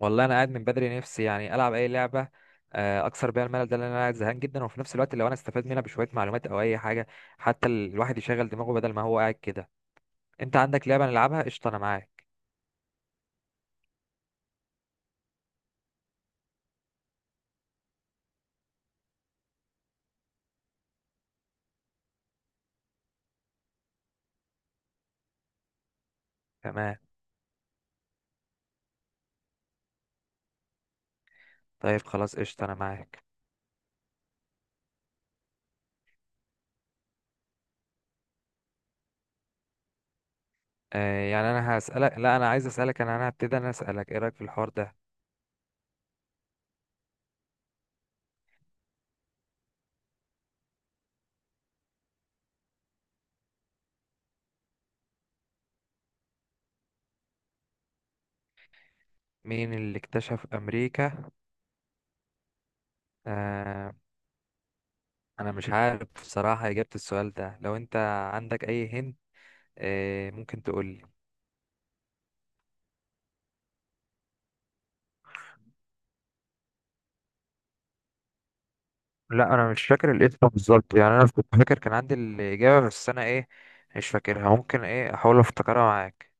والله انا قاعد من بدري نفسي يعني العب اي لعبه. اكسر بيها الملل ده لان انا قاعد زهقان جدا، وفي نفس الوقت لو انا استفاد منها بشويه معلومات او اي حاجه، حتى الواحد يشغل دماغه بدل ما هو قاعد كده. انت عندك لعبه نلعبها؟ قشطه انا معاك. تمام، طيب خلاص قشطه انا معاك. آه، يعني انا هسالك لا انا عايز اسالك. انا هبتدي. انا اسالك ايه رايك في الحوار ده؟ مين اللي اكتشف امريكا؟ آه، انا مش عارف بصراحه اجابه السؤال ده. لو انت عندك اي هند ممكن تقول. لا انا مش فاكر الاسم بالظبط، يعني انا كنت فاكر كان عندي الاجابه بس انا ايه مش فاكرها. ممكن ايه احاول افتكرها معاك.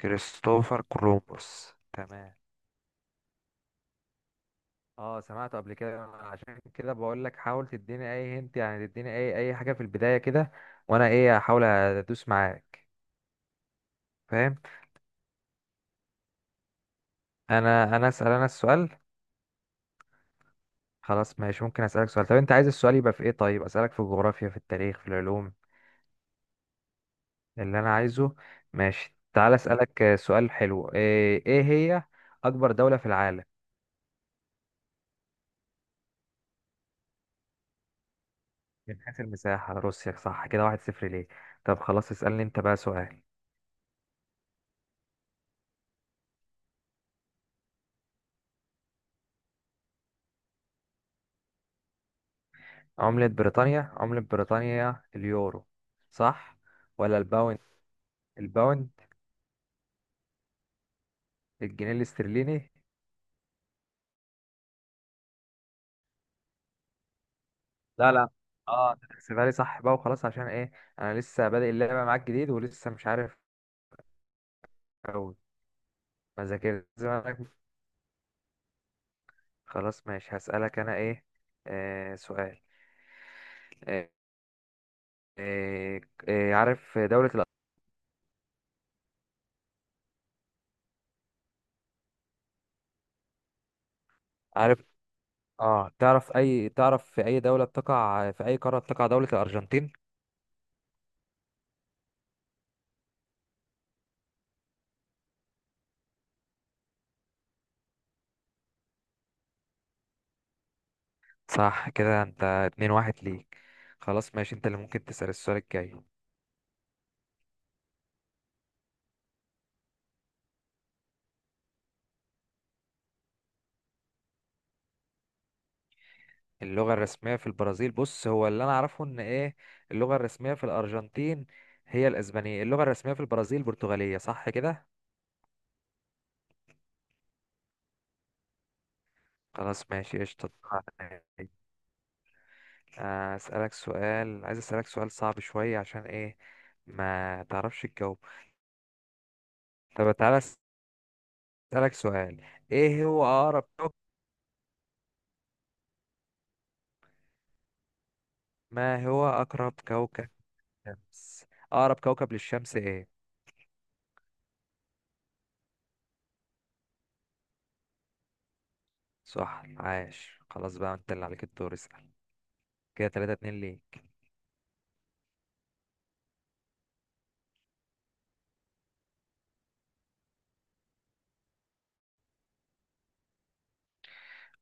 كريستوفر كولومبوس، تمام. اه سمعته قبل كده أنا، عشان كده بقول لك حاول تديني اي هنت، يعني تديني اي حاجه في البدايه كده، وانا ايه احاول ادوس معاك. فاهم. انا اسال انا السؤال. خلاص ماشي، ممكن اسالك سؤال. طب انت عايز السؤال يبقى في ايه؟ طيب اسالك في الجغرافيا، في التاريخ، في العلوم؟ اللي انا عايزه، ماشي. تعال اسالك سؤال حلو. إيه هي اكبر دولة في العالم؟ من حيث المساحة روسيا، صح. كده واحد صفر ليه. طب خلاص اسالني انت بقى سؤال. عملة بريطانيا، اليورو، صح؟ ولا الباوند؟ الباوند؟ الجنيه الاسترليني. لا، اه انت تحسبها لي صح بقى وخلاص، عشان ايه؟ انا لسه بادئ اللعبة معاك جديد ولسه مش عارف اوي. ما ذاكرت زي ما أنا- خلاص ماشي، هسألك انا ايه سؤال. آه، إيه إيه؟ عارف عارف؟ اه تعرف اي تعرف في اي دولة بتقع، في اي قارة بتقع دولة الأرجنتين؟ صح كده، انت اتنين واحد ليك. خلاص ماشي، انت اللي ممكن تسأل السؤال الجاي. اللغة الرسمية في البرازيل، بص هو اللي انا اعرفه ان ايه، اللغة الرسمية في الأرجنتين هي الأسبانية، اللغة الرسمية في البرازيل برتغالية، صح كده. خلاص ماشي قشطة. أسألك سؤال، عايز أسألك سؤال صعب شوية، عشان ايه ما تعرفش تجاوب. طب تعالى أسألك سؤال. إيه هو أقرب كوكب؟ ما هو أقرب كوكب للشمس. أقرب كوكب للشمس إيه؟ صح، عاش. خلاص بقى أنت اللي عليك الدور، اسأل. كده تلاتة اتنين ليك.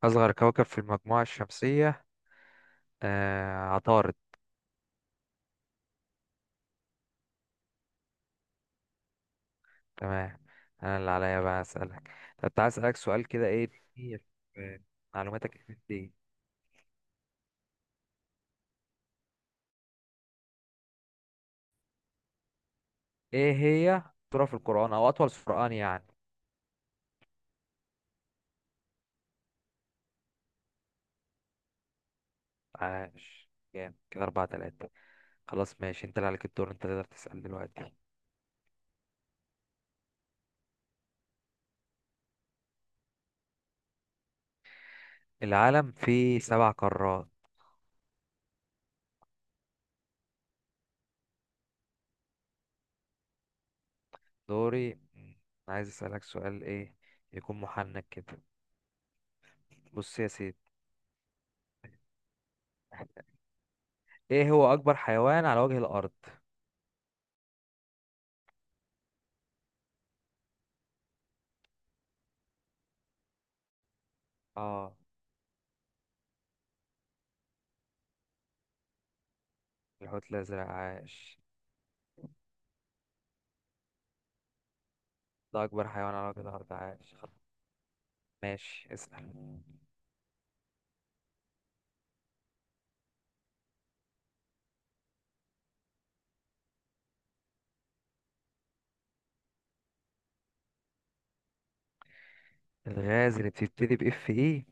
أصغر كوكب في المجموعة الشمسية عطارد. تمام، أنا اللي عليا بقى أسألك. طب تعالى أسألك سؤال كده إيه كتير في معلوماتك دي. إيه هي سورة في القرآن أو أطول سورة يعني؟ عاش جامد، كده أربعة تلاتة. خلاص ماشي، أنت اللي عليك الدور، أنت تقدر تسأل دلوقتي. العالم فيه سبع قارات. دوري. أنا عايز أسألك سؤال ايه يكون محنك كده. بص يا سيدي، ايه هو اكبر حيوان على وجه الارض؟ اه الحوت الازرق، عاش. ده اكبر حيوان على وجه الارض، عاش خلاص، ماشي اسأل. الغاز اللي بتبتدي باف اي؟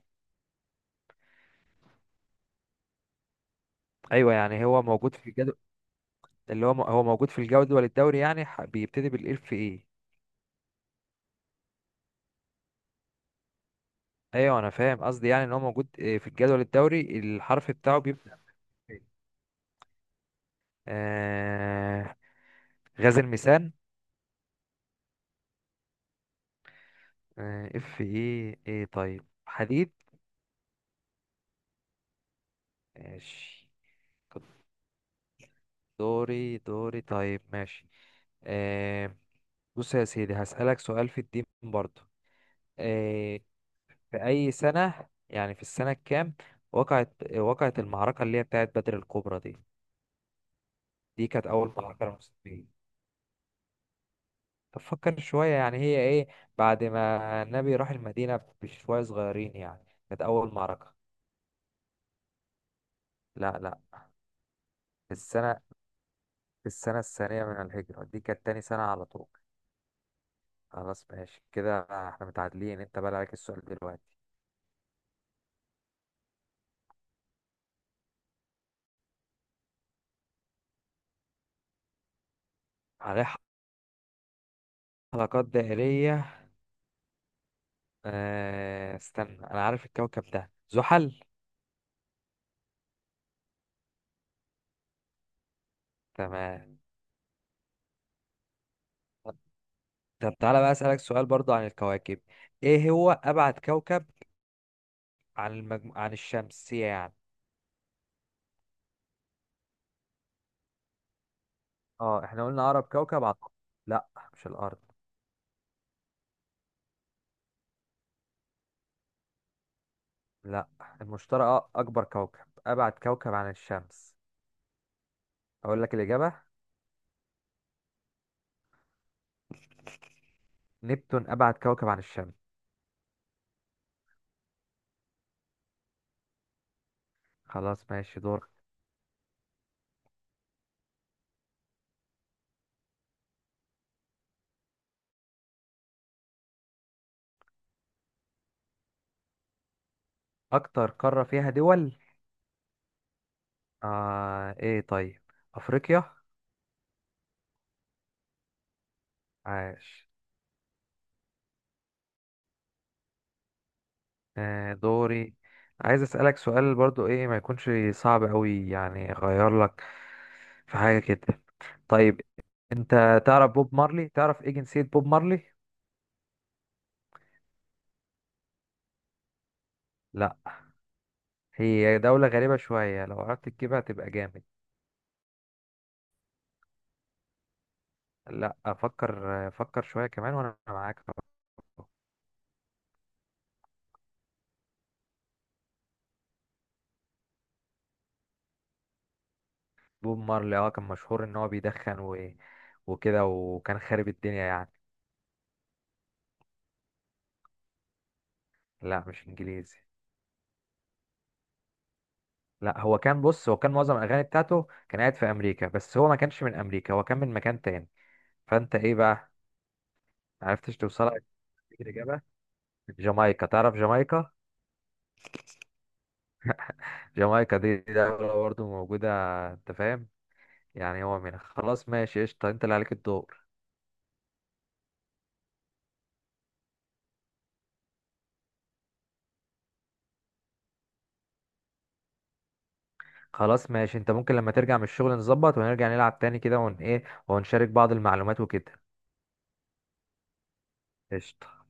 ايوه يعني هو موجود في الجدول، اللي هو هو موجود في الجدول الدوري، يعني بيبتدي بالاف اي. ايوه انا فاهم، قصدي يعني ان هو موجود في الجدول الدوري، الحرف بتاعه بيبدأ بإف. إيه؟ آه غاز الميثان. آه اف ايه ايه، طيب حديد. ماشي. كنت دوري، طيب ماشي. آه بص يا سيدي، هسألك سؤال في الدين برضو. آه في أي سنة، يعني في السنة الكام وقعت المعركة اللي هي بتاعت بدر الكبرى دي؟ دي كانت أول معركة للمسلمين. تفكر شوية، يعني هي إيه بعد ما النبي راح المدينة بشوية صغيرين، يعني كانت أول معركة. لا، السنة، في السنة الثانية من الهجرة، دي كانت تاني سنة على طول. خلاص ماشي كده، احنا متعادلين، انت بقى عليك السؤال دلوقتي. عليه حلقات دائرية، استنى انا عارف الكوكب ده، زحل. تمام. طب تعالى بقى اسألك سؤال برضو عن الكواكب. ايه هو ابعد كوكب عن عن الشمس يعني؟ اه احنا قلنا اقرب كوكب عن، لا مش الارض، لا المشتري اكبر كوكب، ابعد كوكب عن الشمس. اقول لك الاجابة، نبتون، ابعد كوكب عن الشمس. خلاص ماشي، دور. اكتر قارة فيها دول؟ آه ايه طيب افريقيا. عاش. آه دوري، عايز اسألك سؤال برضو ايه ما يكونش صعب قوي، يعني اغير لك في حاجة كده. طيب انت تعرف بوب مارلي؟ تعرف ايه جنسية بوب مارلي؟ لا، هي دولة غريبة شوية، لو عرفت تجيبها تبقى جامد. لا، افكر شوية كمان وانا معاك. بوب مارلي اه كان مشهور ان هو بيدخن وكده، وكان خارب الدنيا يعني. لا مش انجليزي. لا هو كان، بص هو كان معظم الاغاني بتاعته كان قاعد في امريكا، بس هو ما كانش من امريكا، هو كان من مكان تاني. فانت ايه بقى؟ عرفتش توصلها الاجابه؟ جامايكا، تعرف جامايكا؟ جامايكا دي دولة برضه موجودة، انت فاهم، يعني هو من، خلاص ماشي قشطة، انت اللي عليك الدور. خلاص ماشي، انت ممكن لما ترجع من الشغل نظبط ونرجع نلعب تاني كده، ون ايه ونشارك بعض المعلومات وكده. قشطة.